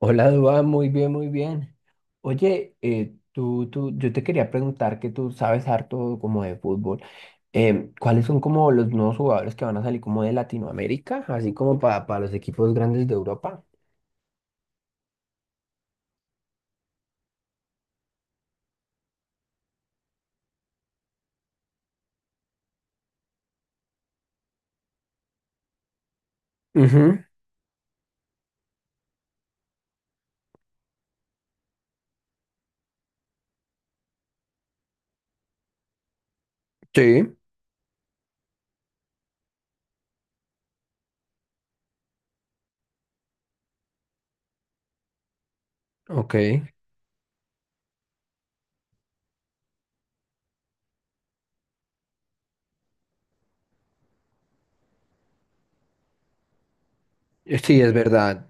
Hola, Dua, muy bien, muy bien. Oye, yo te quería preguntar que tú sabes harto como de fútbol. ¿Cuáles son como los nuevos jugadores que van a salir como de Latinoamérica, así como para los equipos grandes de Europa? Ujú, sí, ok. Sí, es verdad.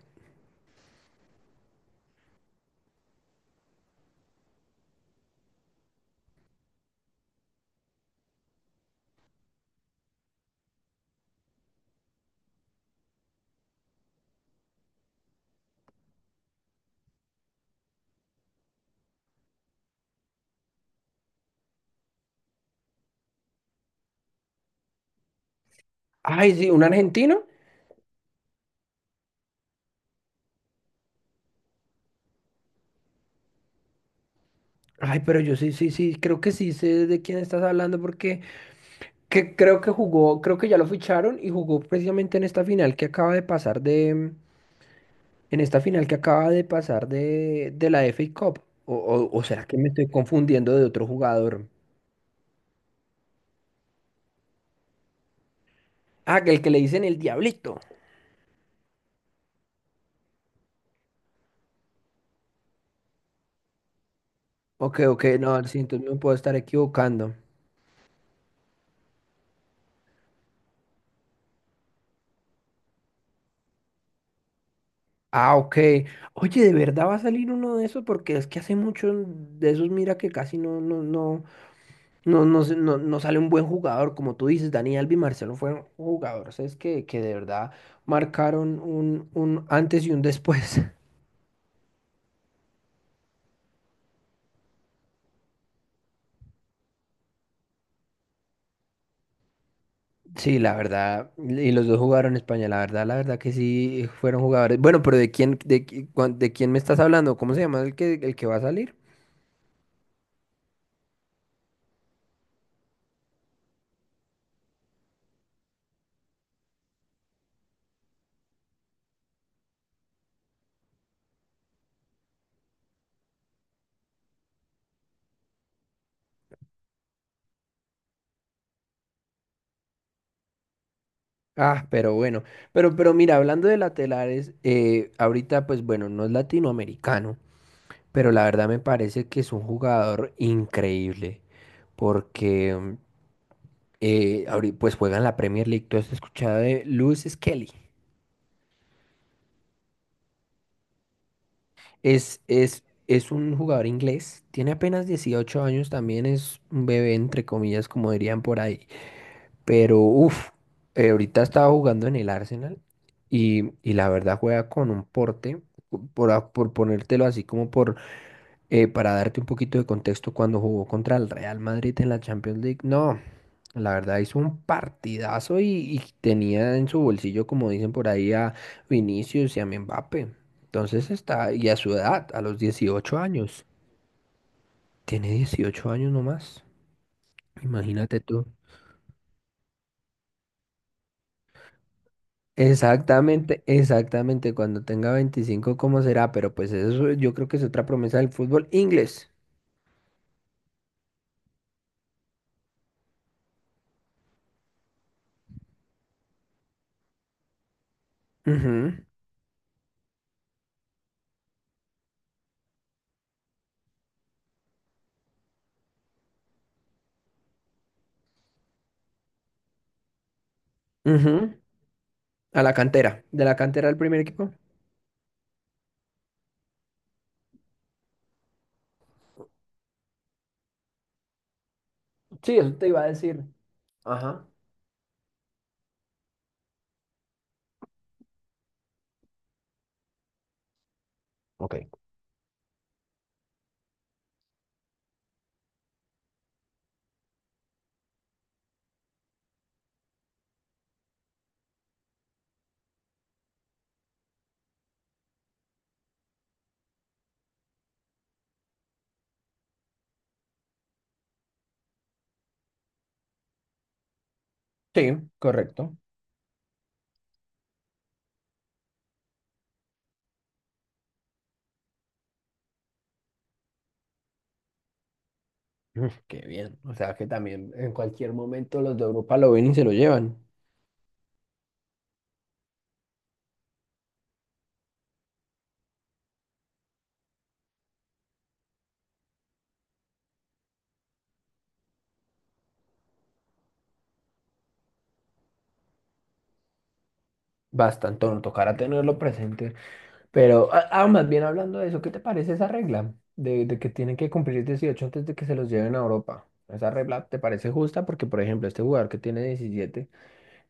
Ay, sí, un argentino. Ay, pero yo sí, sí, sí, creo que sí sé de quién estás hablando porque que creo que jugó, creo que ya lo ficharon y jugó precisamente en esta final que acaba de pasar de, en esta final que acaba de pasar de la FA Cup. O será que me estoy confundiendo de otro jugador. Ah, que el que le dicen el Diablito. Ok, ok, no, sí, entonces me puedo estar equivocando. Ah, ok. Oye, ¿de verdad va a salir uno de esos? Porque es que hace mucho de esos, mira que casi no sale un buen jugador. Como tú dices, Dani Alves y Marcelo fueron jugadores, es que de verdad marcaron un antes y un después. Sí, la verdad, y los dos jugaron España, la verdad que sí fueron jugadores. Bueno, pero ¿de quién, de, qui- cuan- de quién me estás hablando? ¿Cómo se llama el que va a salir? Ah, pero bueno, pero mira, hablando de laterales, ahorita pues bueno, no es latinoamericano, pero la verdad me parece que es un jugador increíble, porque pues juega en la Premier League. ¿Tú has escuchado de Lewis Skelly? Es un jugador inglés, tiene apenas 18 años, también es un bebé, entre comillas, como dirían por ahí. Pero, uff, ahorita estaba jugando en el Arsenal y, la verdad juega con un porte, por ponértelo así como para darte un poquito de contexto. Cuando jugó contra el Real Madrid en la Champions League, no, la verdad hizo un partidazo y tenía en su bolsillo, como dicen por ahí, a Vinicius y a Mbappé. Y a su edad, a los 18 años, tiene 18 años nomás, imagínate tú. Exactamente, exactamente, cuando tenga 25, ¿cómo será? Pero pues eso yo creo que es otra promesa del fútbol inglés. Ujú, ujú. A la cantera, de la cantera al primer equipo. Sí, eso te iba a decir. Ajá. Ok. Sí, correcto. Mm, qué bien. O sea que también en cualquier momento los de Europa lo ven y se lo llevan. Bastante, no tocará tenerlo presente. Pero, más bien hablando de eso, ¿qué te parece esa regla de que tienen que cumplir 18 antes de que se los lleven a Europa? ¿Esa regla te parece justa? Porque, por ejemplo, este jugador que tiene 17.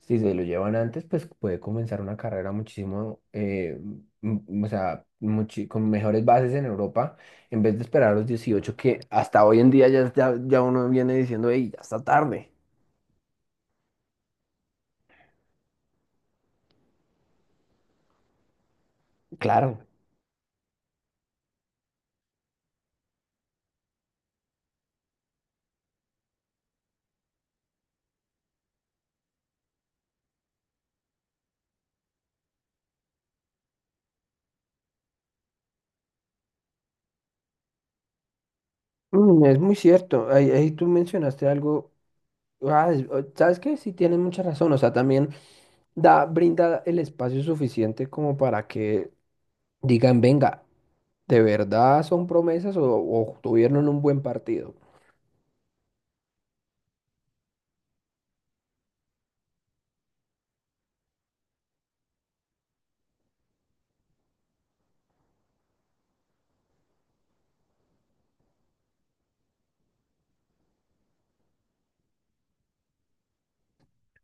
Si se lo llevan antes, pues puede comenzar una carrera muchísimo, o sea, con mejores bases en Europa, en vez de esperar a los 18, que hasta hoy en día ya uno viene diciendo, hey, ya está tarde. Claro. Mm, es muy cierto. Ahí tú mencionaste algo. Ah, ¿sabes qué? Sí, tienes mucha razón. O sea, también da, brinda el espacio suficiente como para que digan, venga, ¿de verdad son promesas o tuvieron un buen partido?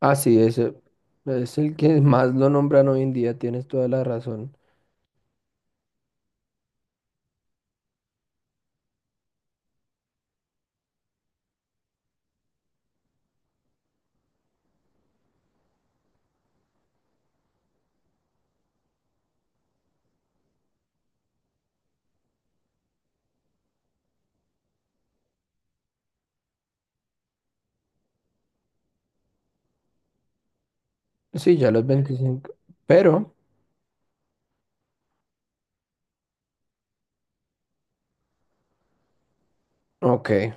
Ah, sí, ese es el que más lo nombran hoy en día, tienes toda la razón. Sí, ya los 25. pero, ok.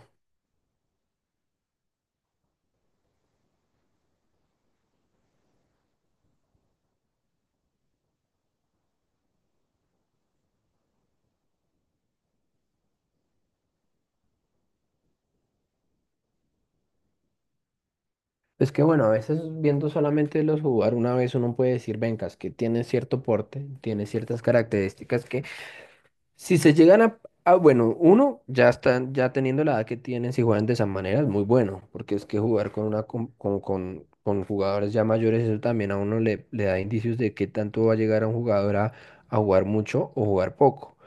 Es que bueno, a veces viendo solamente los jugar una vez uno puede decir, vengas, que tiene cierto porte, tiene ciertas características que si se llegan a, bueno, uno ya están, ya teniendo la edad que tienen, si juegan de esa manera es muy bueno, porque es que jugar con una com- con jugadores ya mayores, eso también a uno le da indicios de qué tanto va a llegar a un jugador a jugar mucho o jugar poco.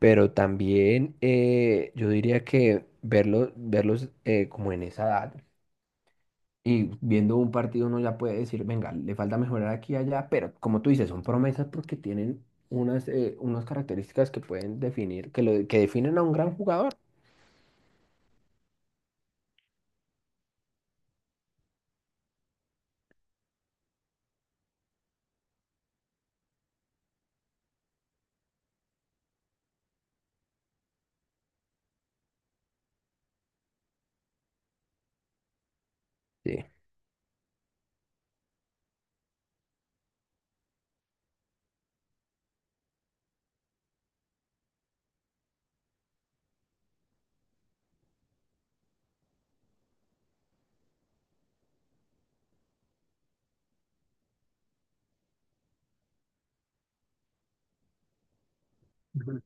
Pero también yo diría que verlos, como en esa edad y viendo un partido uno ya puede decir, venga, le falta mejorar aquí y allá, pero como tú dices, son promesas porque tienen unas, unas características que pueden definir, que, lo, que definen a un gran jugador. Sí. Ujú.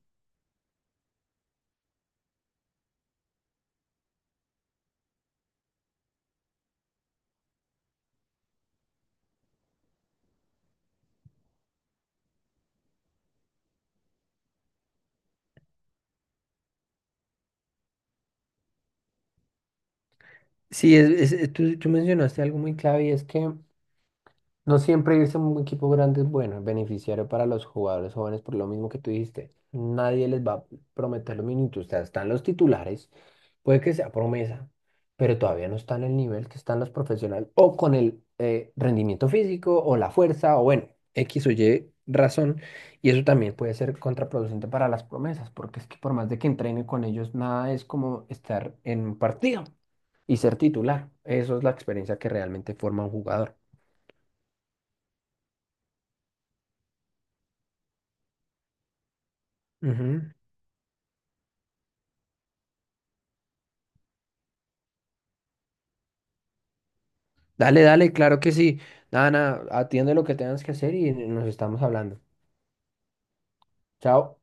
Tú mencionaste algo muy clave, y es que no siempre irse a un equipo grande es bueno, es beneficiario para los jugadores jóvenes por lo mismo que tú dijiste. Nadie les va a prometer los minutos. O sea, están los titulares, puede que sea promesa, pero todavía no están en el nivel que están los profesionales o con el rendimiento físico o la fuerza o bueno, X o Y razón. Y eso también puede ser contraproducente para las promesas, porque es que por más de que entrenen con ellos, nada es como estar en un partido y ser titular. Eso es la experiencia que realmente forma un jugador. Ujú. Dale, dale, claro que sí. Nada, nada, atiende lo que tengas que hacer y nos estamos hablando. Chao.